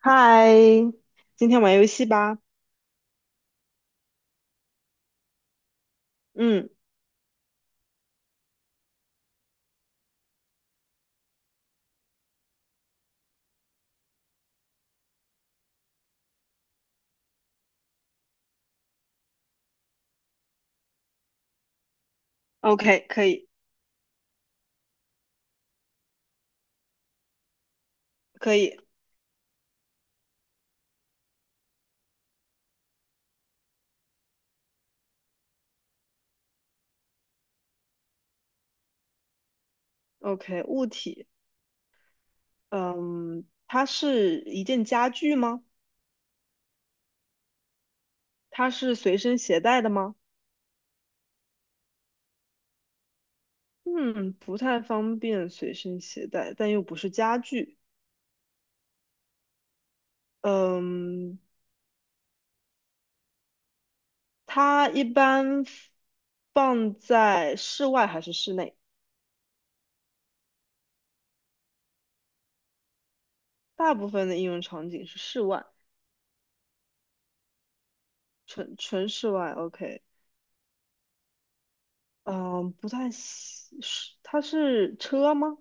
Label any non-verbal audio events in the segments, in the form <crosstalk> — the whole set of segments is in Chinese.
嗨，今天玩游戏吧。嗯，OK，可以，可以，OK。物体，嗯，它是一件家具吗？它是随身携带的吗？嗯，不太方便随身携带，但又不是家具。嗯，它一般放在室外还是室内？大部分的应用场景是室外，纯纯室外。OK，嗯，不太喜，是它是车吗？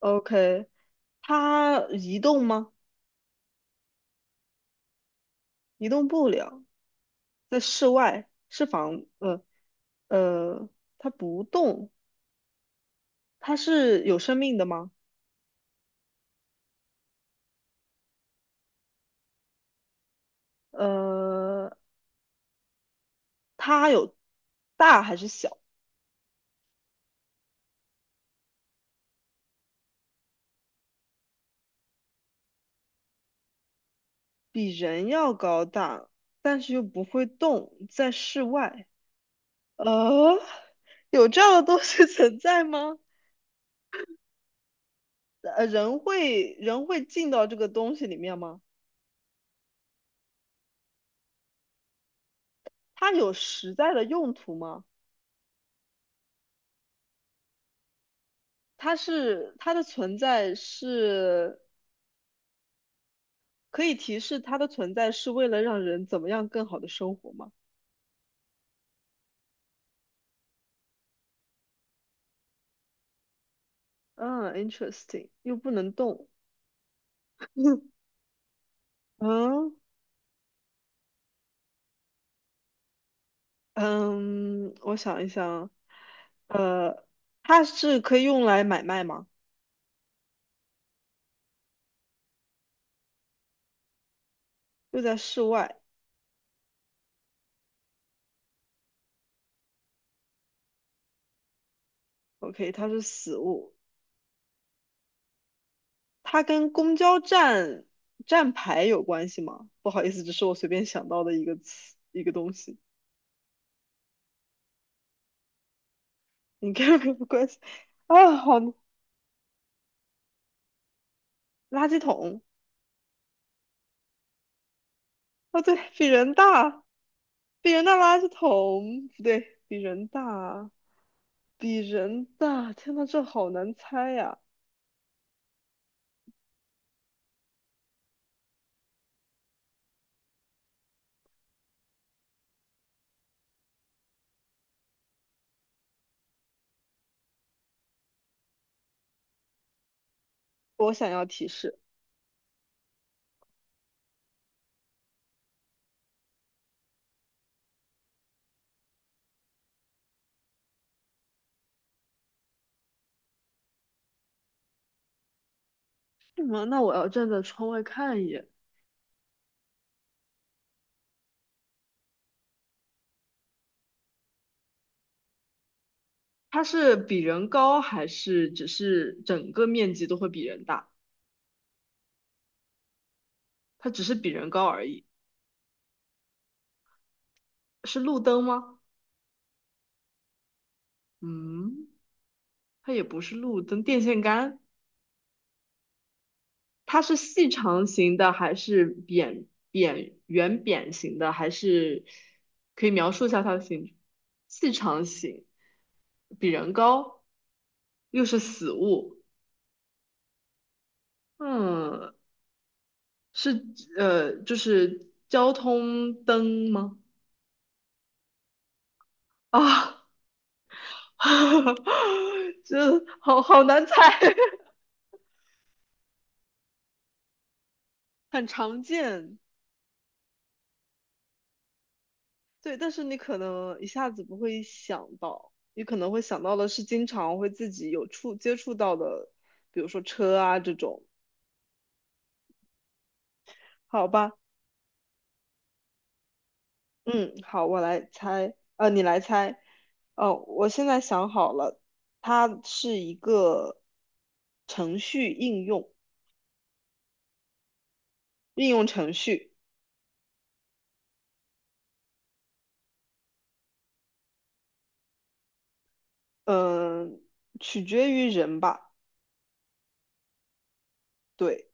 OK，它移动吗？移动不了，在室外是房，呃呃，它不动，它是有生命的吗？呃，它有大还是小？比人要高大，但是又不会动，在室外。呃，有这样的东西 <laughs> 存在吗？人会进到这个东西里面吗？它有实在的用途吗？它是它的存在是可以提示它的存在是为了让人怎么样更好的生活吗？嗯，interesting，又不能动。<laughs> 嗯嗯，我想一想，呃，它是可以用来买卖吗？又在室外，OK，它是死物，它跟公交站站牌有关系吗？不好意思，只是我随便想到的一个词，一个东西，应该没有关系。啊，好，垃圾桶。哦，对，比人大，比人大垃圾桶，不对，比人大，比人大，天呐，这好难猜呀！我想要提示，什么？那我要站在窗外看一眼，它是比人高还是只是整个面积都会比人大？它只是比人高而已，是路灯吗？嗯，它也不是路灯，电线杆。它是细长型的还是扁扁圆扁型的？还是可以描述一下它的形状？细长型，比人高，又是死物。嗯，是就是交通灯吗？啊，<laughs> 这好好难猜，<laughs> 很常见。对，但是你可能一下子不会想到，你可能会想到的是经常会自己有接触到的，比如说车啊这种，好吧？嗯，好，我来猜，你来猜，哦，我现在想好了，它是一个程序应用，应用程序，嗯、取决于人吧，对，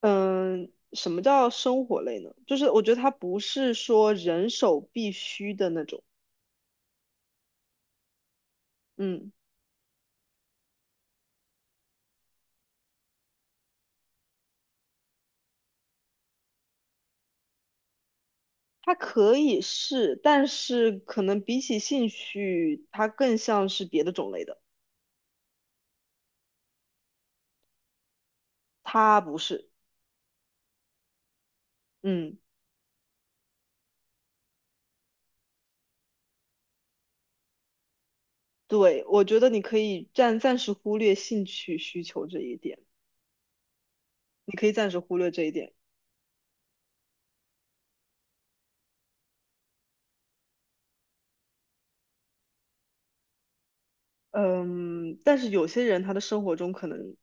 嗯、什么叫生活类呢？就是我觉得它不是说人手必须的那种，嗯。它可以是，但是可能比起兴趣，它更像是别的种类的。他不是，嗯，对，我觉得你可以暂时忽略兴趣需求这一点，你可以暂时忽略这一点。嗯，但是有些人他的生活中可能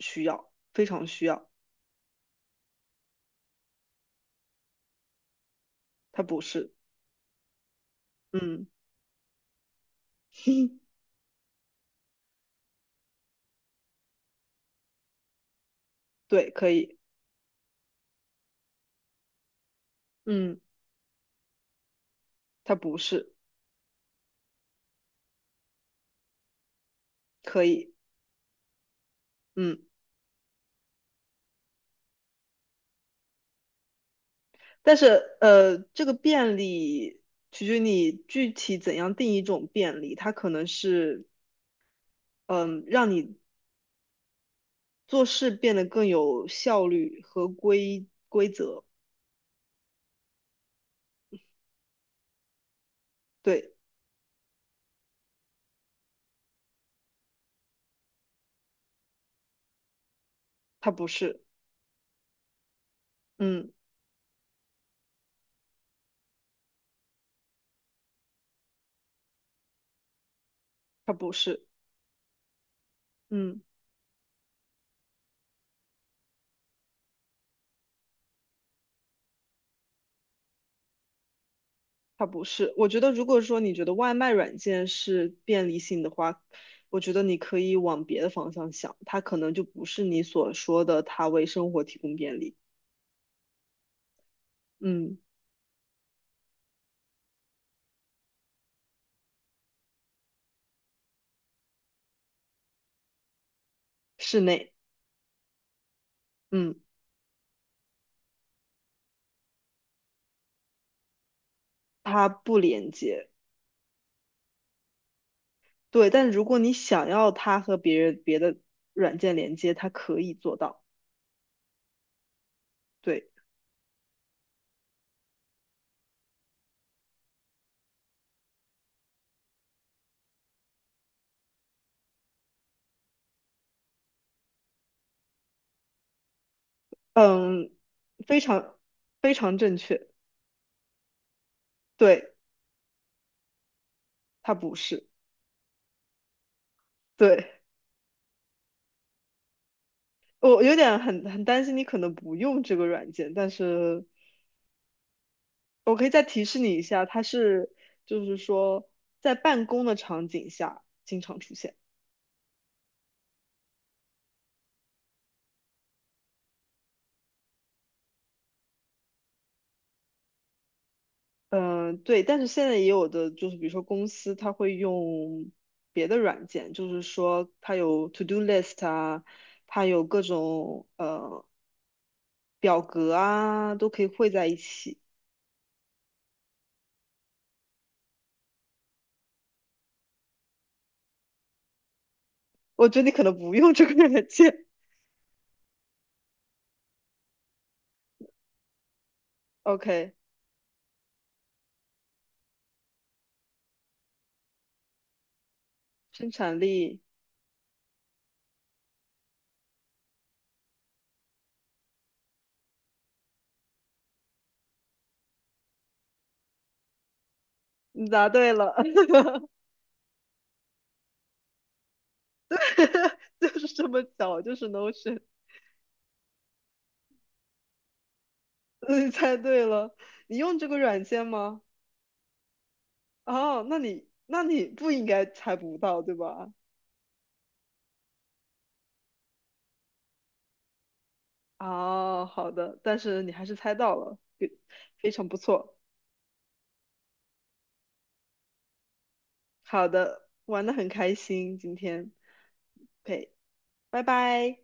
需要，非常需要，他不是，嗯，<laughs> 对，可以，嗯，他不是，可以，嗯。但是这个便利取决于你具体怎样定义一种便利，它可能是嗯让你做事变得更有效率和规则，对，它不是，嗯，它不是，嗯，它不是。我觉得如果说你觉得外卖软件是便利性的话，我觉得你可以往别的方向想，它可能就不是你所说的它为生活提供便利，嗯，室内，嗯，它不连接。对，但如果你想要它和别人别的软件连接，它可以做到。对，嗯，非常非常正确。对，它不是。对，我有点很担心你可能不用这个软件，但是我可以再提示你一下，就是说在办公的场景下经常出现。嗯，对，但是现在也有的就是，比如说公司它会用别的软件，就是说它有 to do list 啊，它有各种表格啊，都可以汇在一起。我觉得你可能不用这个软件。<laughs> OK，生产力，你答对了，<laughs> 就是这么巧，就是 Notion，嗯你猜对了。你用这个软件吗？哦，那你不应该猜不到，对吧？哦，好的，但是你还是猜到了，非常不错。好的，玩的很开心，今天，OK，拜拜。